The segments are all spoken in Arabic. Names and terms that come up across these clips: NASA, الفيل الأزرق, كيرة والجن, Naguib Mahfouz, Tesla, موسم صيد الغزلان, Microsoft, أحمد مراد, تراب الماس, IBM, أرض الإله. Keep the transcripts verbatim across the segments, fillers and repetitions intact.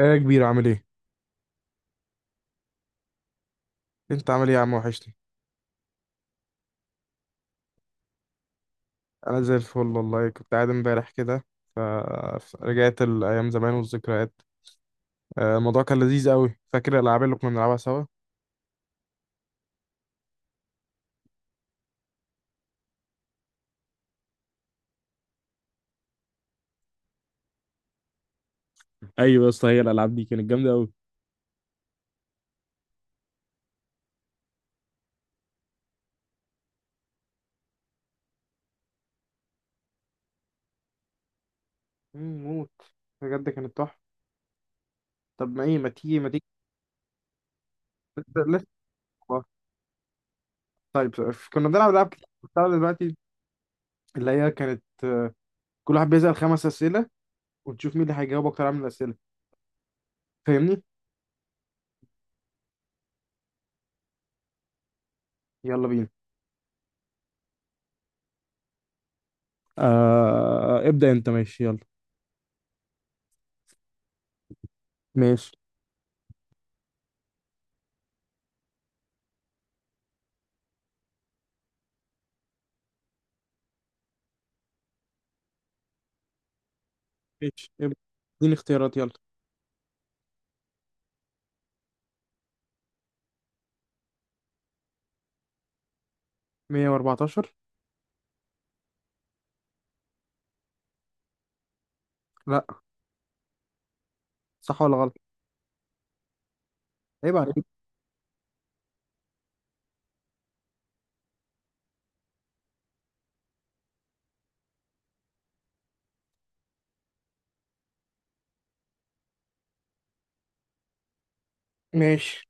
ايه يا كبير، عامل ايه؟ انت عامل ايه يا عم، وحشني. انا زي الفل والله. كنت قاعد امبارح كده، فرجعت الايام زمان والذكريات. آه، الموضوع كان لذيذ قوي، فاكر الالعاب اللي كنا بنلعبها سوا؟ ايوه يا اسطى، هي الالعاب دي كانت جامده قوي. مم، موت. بجد كانت تحفه. طب ما ايه، ما تيجي ما تيجي. لسه لسه. والله. طيب، ف- كنا بنلعب العاب كتير بتاع دلوقتي، اللي هي كانت، آه، كل واحد بيسأل خمس اسئله، وتشوف مين اللي هيجاوب اكتر عن الاسئله، فاهمني؟ يلا بينا. آه ابدا انت، ماشي يلا. ماشي، ماشي، يبقى. اديني اختيارات، يلا. مئة وأربعة عشر. لا. صح ولا غلط؟ عيب عليك. ماشي.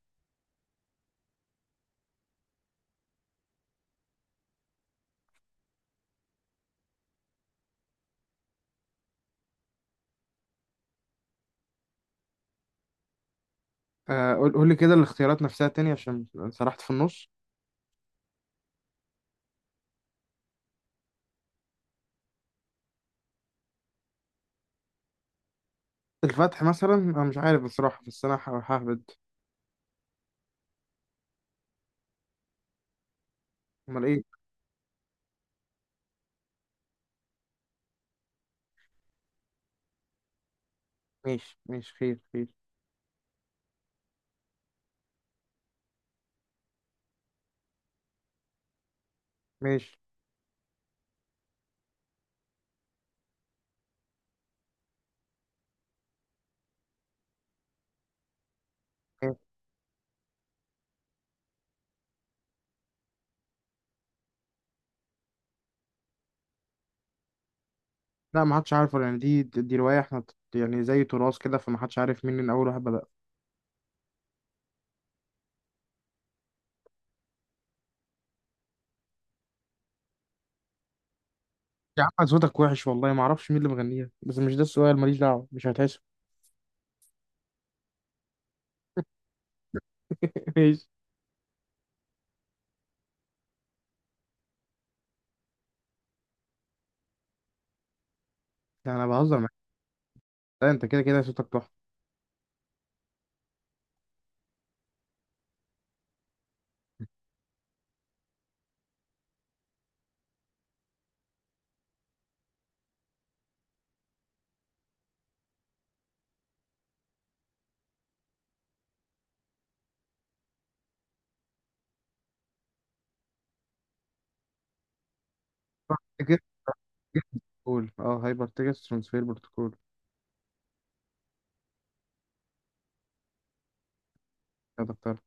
آه قول قول لي كده الاختيارات نفسها تاني، عشان سرحت في النص. الفتح مثلا، انا مش عارف بصراحة، بس انا ه- ههبد. امال ايه؟ ماشي، ماشي، خير، خير. ماشي. خير. لا، ما حدش عارفه، يعني دي دي رواية، احنا ت- يعني زي تراث كده، فما حدش عارف مين اللي اول واحد بدأ. يا عم صوتك وحش والله، ما اعرفش مين اللي مغنيها، بس مش ده السؤال، ماليش دعوة، مش هتحسب. ماشي. لا، انا بهزر معاك. لا، انت كده كده صوتك تحفة. جيت جيت بروتوكول، اه هايبر تيكت ترانسفير بروتوكول. هذا بتاع.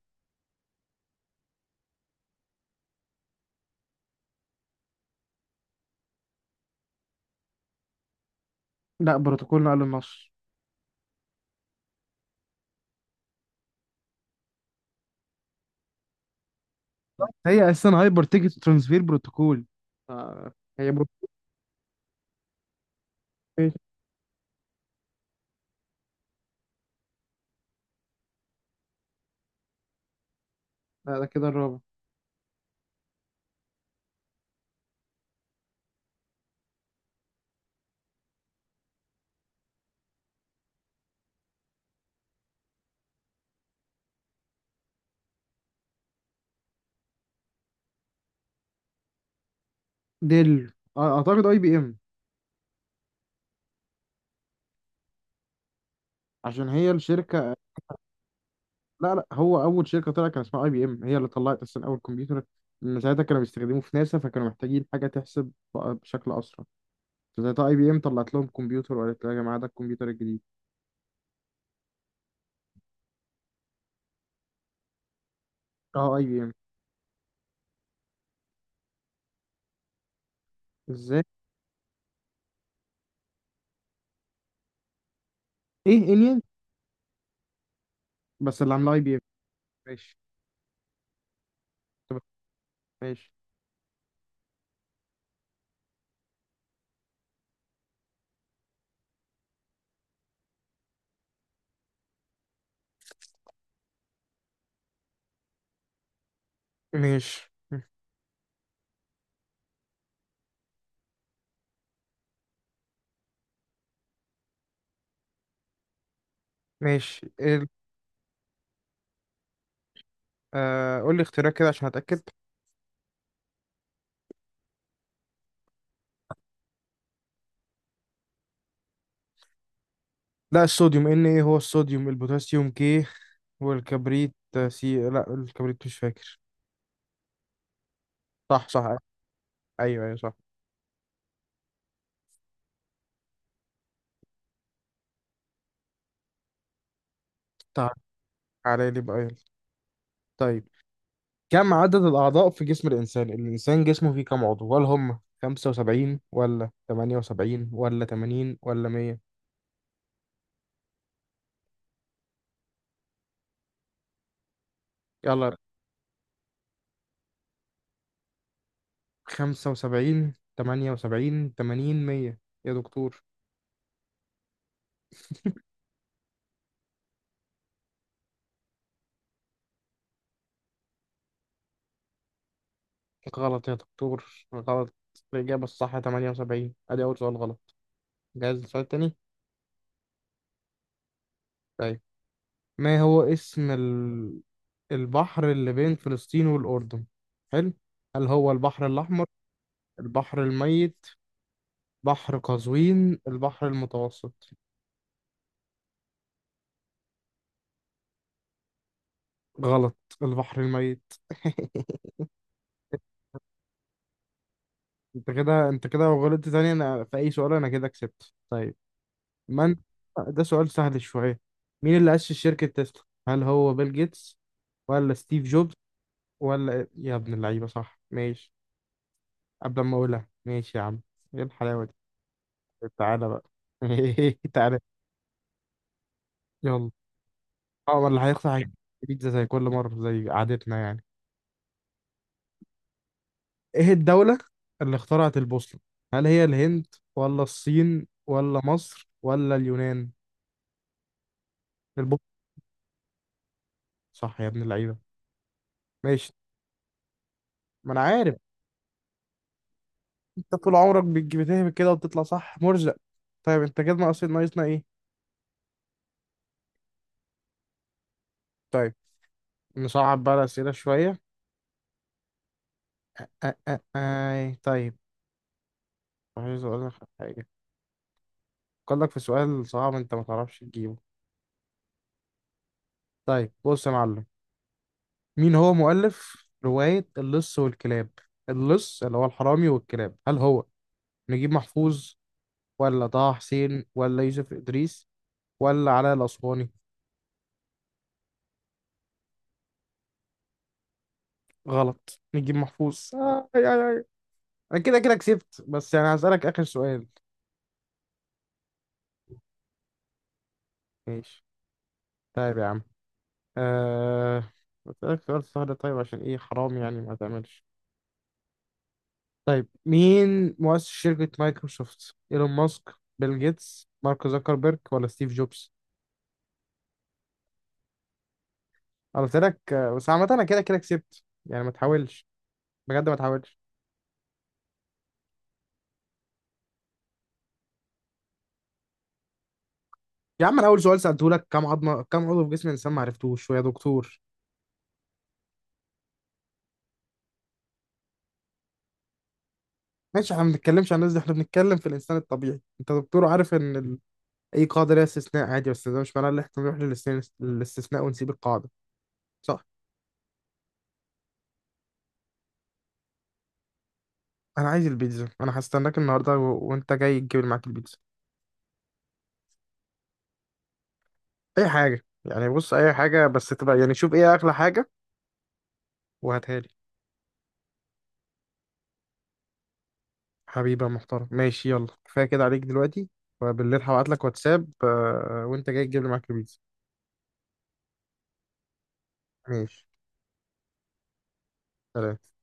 لا، بروتوكول نقل النص. هي اساسا هايبر تيكت ترانسفير بروتوكول. آه هي بروتوكول. لا، ده كده الرابع. ديل. آه، اعتقد اي بي ام. عشان هي الشركه. لا، لا، هو اول شركه طلع كان اسمها اي بي ام، هي اللي طلعت اصلا اول كمبيوتر. من ساعتها كانوا بيستخدموه في ناسا، فكانوا محتاجين حاجه تحسب بقى بشكل اسرع. فساعتها اي بي ام طلعت لهم كمبيوتر وقالت لها، يا جماعه ده الكمبيوتر الجديد. اه اي بي ام. ازاي؟ ايه انيل؟ بس اللي عامله اي بي ام. ماشي. طب. ماشي، ماشي، ماشي. ال... آه... قول لي اختيارات كده عشان اتاكد. لا، الصوديوم ان ايه، هو الصوديوم، البوتاسيوم كي. والكبريت آه، سي. لا، الكبريت مش فاكر. صح، صح. ايوه، ايوه، صح. طيب. على لي بقى، يلا. طيب. كم عدد الاعضاء في جسم الانسان؟ الانسان جسمه فيه كم عضو؟ هل هم خمسة وسبعين ولا تمنية وسبعين ولا تمانين ولا ميه؟ يلا. خمسة وسبعين، تمنية وسبعين، تمانين، ميه. يا دكتور. غلط يا دكتور، غلط. الإجابة الصح تمنية وسبعين. أدي أول سؤال غلط. جاهز للسؤال التاني؟ طيب، ما هو اسم ال... البحر اللي بين فلسطين والأردن؟ حلو. هل هو البحر الأحمر، البحر الميت، بحر قزوين، البحر المتوسط؟ غلط. البحر الميت. انت كده انت كده لو غلطت تاني انا في اي سؤال، انا كده كسبت، طيب. من آه، ده سؤال سهل شوية. مين اللي أسس شركة تسلا؟ هل هو بيل جيتس ولا ستيف جوبز ولا إيه؟ يا ابن اللعيبة صح. ماشي. قبل ما أقولها ماشي يا عم. إيه الحلاوة. دي، تعالى بقى. تعالى. يلا. اه، ولا هيخسر، هيجيب. بيتزا زي كل مرة زي عادتنا يعني. إيه الدولة اللي اخترعت البوصلة؟ هل هي الهند ولا الصين ولا مصر ولا اليونان؟ البوصلة. صح يا ابن اللعيبة. ماشي. ما أنا عارف. أنت طول عمرك بتجي- بتهبط كده وبتطلع صح، مرزق. طيب أنت كده ناقص ناقصنا إيه؟ طيب، نصعب بقى الأسئلة شوية. أه أه أه. طيب. عايز اقول لك على حاجه. قال لك في سؤال صعب انت ما تعرفش تجيبه. طيب بص يا معلم. مين هو مؤلف روايه اللص والكلاب؟ اللص اللي هو الحرامي والكلاب. هل هو نجيب محفوظ ولا طه حسين ولا يوسف ادريس ولا علاء الاسواني؟ غلط، نجيب محفوظ. آه آي آي آي. انا كده كده كسبت، بس يعني هسالك اخر سؤال. ماشي. طيب يا عم. آه... بسألك سؤال سهل طيب، عشان ايه حرام يعني ما تعملش. طيب، مين مؤسس شركة مايكروسوفت؟ ايلون ماسك، بيل جيتس، مارك زوكربيرج، ولا ستيف جوبز؟ انا قلت لك. آه، بس عامة انا كده كده كسبت يعني ما تحاولش. بجد ما تحاولش. يا عم، انا اول سؤال سألته لك، كم عظمة كم عضو في جسم الانسان، ما عرفتوش، ويا دكتور. ماشي، احنا ما بنتكلمش عن الناس دي، احنا بنتكلم في الانسان الطبيعي، انت دكتور عارف ان ال... اي قاعدة ليها استثناء عادي، بس ده مش معناه ان احنا نروح للاستثناء للاستثناء ونسيب القاعدة. صح. انا عايز البيتزا، انا هستناك النهارده و... وانت جاي تجيب معاك البيتزا. اي حاجه يعني، بص، اي حاجه بس تبقى يعني، شوف ايه اغلى حاجه وهاتها لي. حبيبي يا محترم، ماشي، يلا كفايه كده عليك دلوقتي. وبالليل هبعت لك واتساب، آه، وانت جاي تجيب لي معاك البيتزا. ماشي. سلام.